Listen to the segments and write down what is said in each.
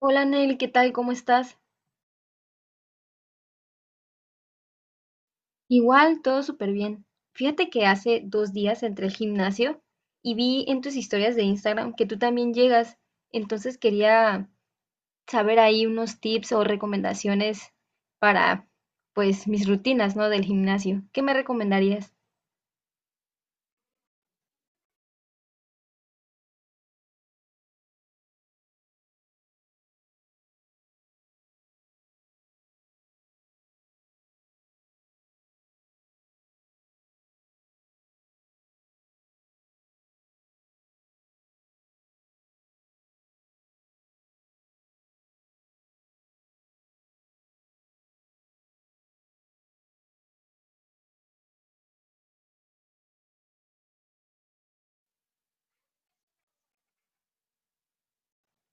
Hola Nel, ¿qué tal? ¿Cómo estás? Igual, todo súper bien. Fíjate que hace 2 días entré al gimnasio y vi en tus historias de Instagram que tú también llegas. Entonces quería saber ahí unos tips o recomendaciones para, pues, mis rutinas, ¿no? Del gimnasio. ¿Qué me recomendarías?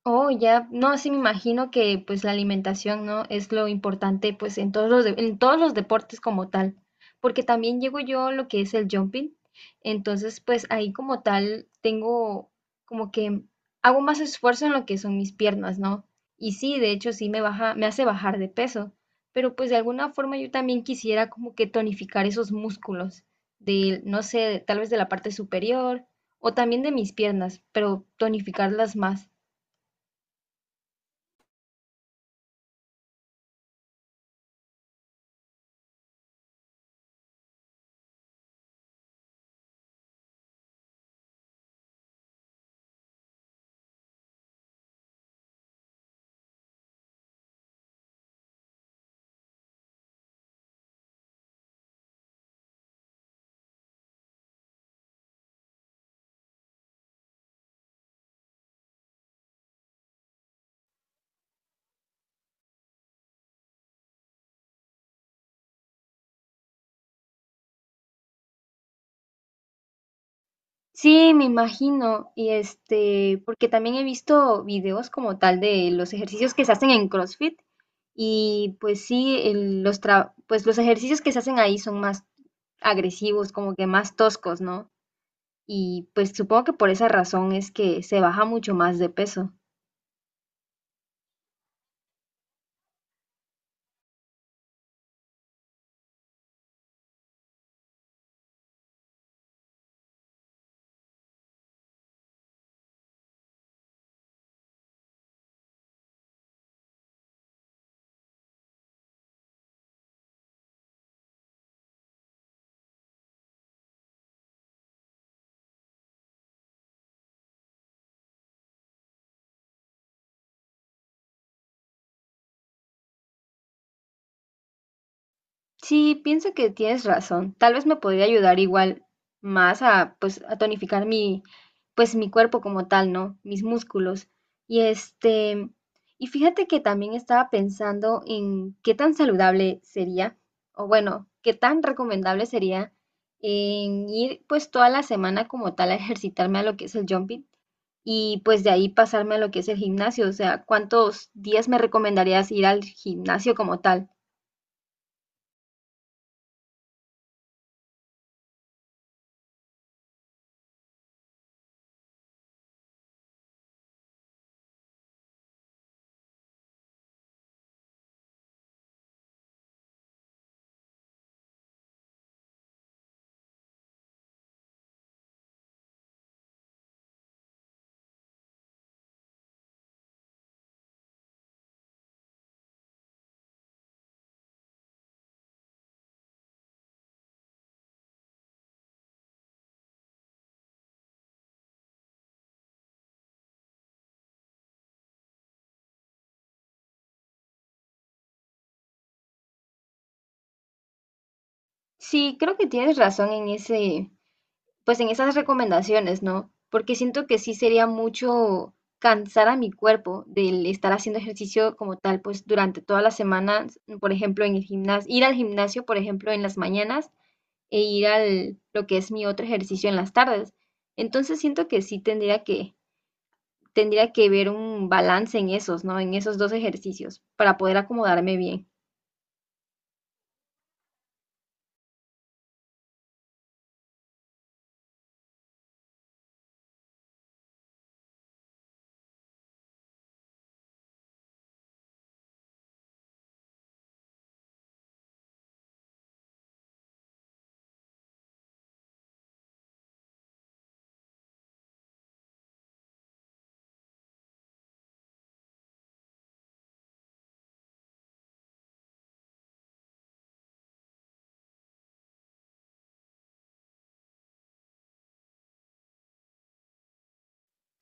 Oh, ya, no, sí me imagino que pues la alimentación, ¿no? Es lo importante pues en en todos los deportes como tal, porque también llego yo a lo que es el jumping, entonces pues ahí como tal tengo como que hago más esfuerzo en lo que son mis piernas, ¿no? Y sí, de hecho sí me baja, me hace bajar de peso, pero pues de alguna forma yo también quisiera como que tonificar esos músculos de, no sé, tal vez de la parte superior o también de mis piernas, pero tonificarlas más. Sí, me imagino. Porque también he visto videos como tal de los ejercicios que se hacen en CrossFit. Y pues sí, pues los ejercicios que se hacen ahí son más agresivos, como que más toscos, ¿no? Y pues supongo que por esa razón es que se baja mucho más de peso. Sí, pienso que tienes razón. Tal vez me podría ayudar igual más a tonificar mi cuerpo como tal, ¿no? Mis músculos. Y este, y fíjate que también estaba pensando en qué tan saludable sería, o bueno, qué tan recomendable sería en ir pues toda la semana como tal a ejercitarme a lo que es el jumping y pues de ahí pasarme a lo que es el gimnasio. O sea, ¿cuántos días me recomendarías ir al gimnasio como tal? Sí, creo que tienes razón en ese, pues en esas recomendaciones, ¿no? Porque siento que sí sería mucho cansar a mi cuerpo del estar haciendo ejercicio como tal, pues durante todas las semanas, por ejemplo, en el gimnasio, ir al gimnasio, por ejemplo, en las mañanas e ir al lo que es mi otro ejercicio en las tardes. Entonces siento que sí tendría que ver un balance en esos, ¿no? En esos dos ejercicios para poder acomodarme bien.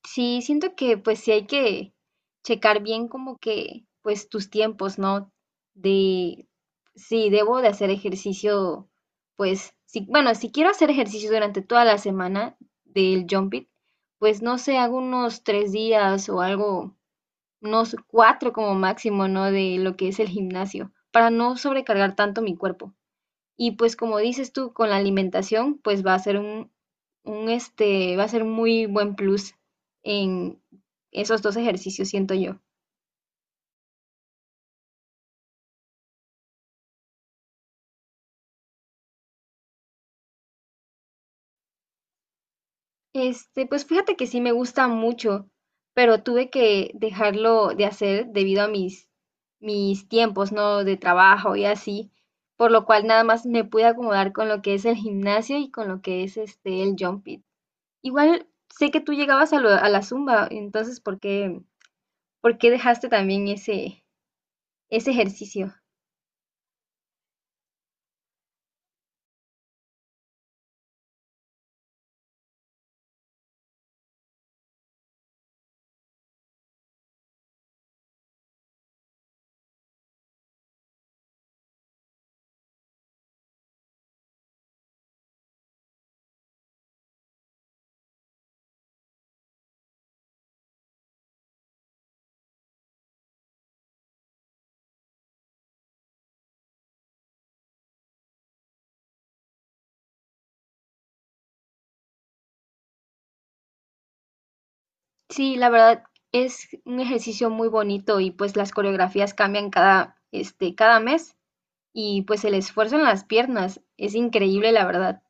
Sí, siento que pues sí hay que checar bien como que pues tus tiempos, ¿no? De si debo de hacer ejercicio, pues sí, bueno, si quiero hacer ejercicio durante toda la semana del jump it, pues no sé, hago unos 3 días o algo, unos cuatro como máximo, ¿no? De lo que es el gimnasio, para no sobrecargar tanto mi cuerpo. Y pues como dices tú, con la alimentación, pues va a ser un este, va a ser muy buen plus en esos dos ejercicios, siento yo. Este, pues fíjate que sí me gusta mucho, pero tuve que dejarlo de hacer debido a mis tiempos, ¿no? De trabajo y así, por lo cual nada más me pude acomodar con lo que es el gimnasio y con lo que es el jump it. Igual sé que tú llegabas a la zumba, entonces, ¿por qué dejaste también ese ejercicio. Sí, la verdad es un ejercicio muy bonito y pues las coreografías cambian cada, este, cada mes y pues el esfuerzo en las piernas es increíble, la verdad.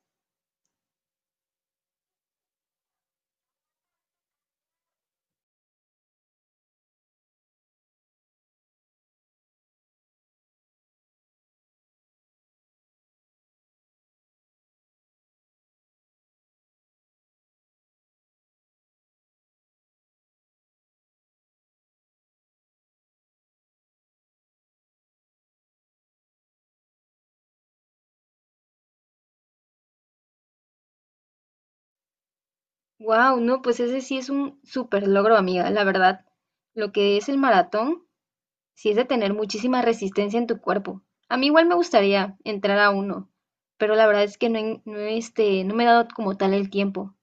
Wow, no, pues ese sí es un súper logro, amiga, la verdad. Lo que es el maratón, sí es de tener muchísima resistencia en tu cuerpo. A mí igual me gustaría entrar a uno, pero la verdad es que no, me he dado como tal el tiempo.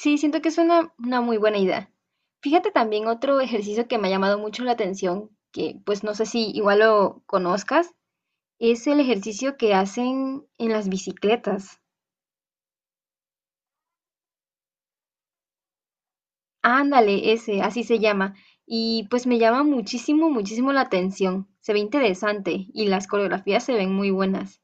Sí, siento que es una muy buena idea. Fíjate también otro ejercicio que me ha llamado mucho la atención, que pues no sé si igual lo conozcas, es el ejercicio que hacen en las bicicletas. Ándale, ese, así se llama. Y pues me llama muchísimo, muchísimo la atención. Se ve interesante y las coreografías se ven muy buenas.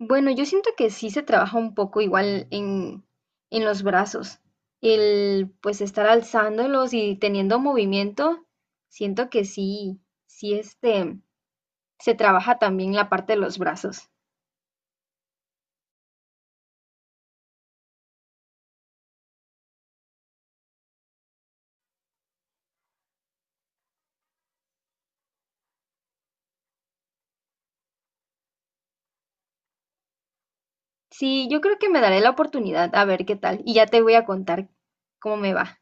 Bueno, yo siento que sí se trabaja un poco igual en, los brazos. El pues estar alzándolos y teniendo movimiento, siento que sí, sí se trabaja también la parte de los brazos. Sí, yo creo que me daré la oportunidad a ver qué tal y ya te voy a contar cómo me va.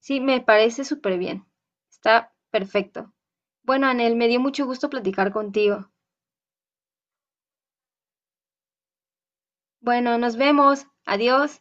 Sí, me parece súper bien. Está perfecto. Bueno, Anel, me dio mucho gusto platicar contigo. Bueno, nos vemos. Adiós.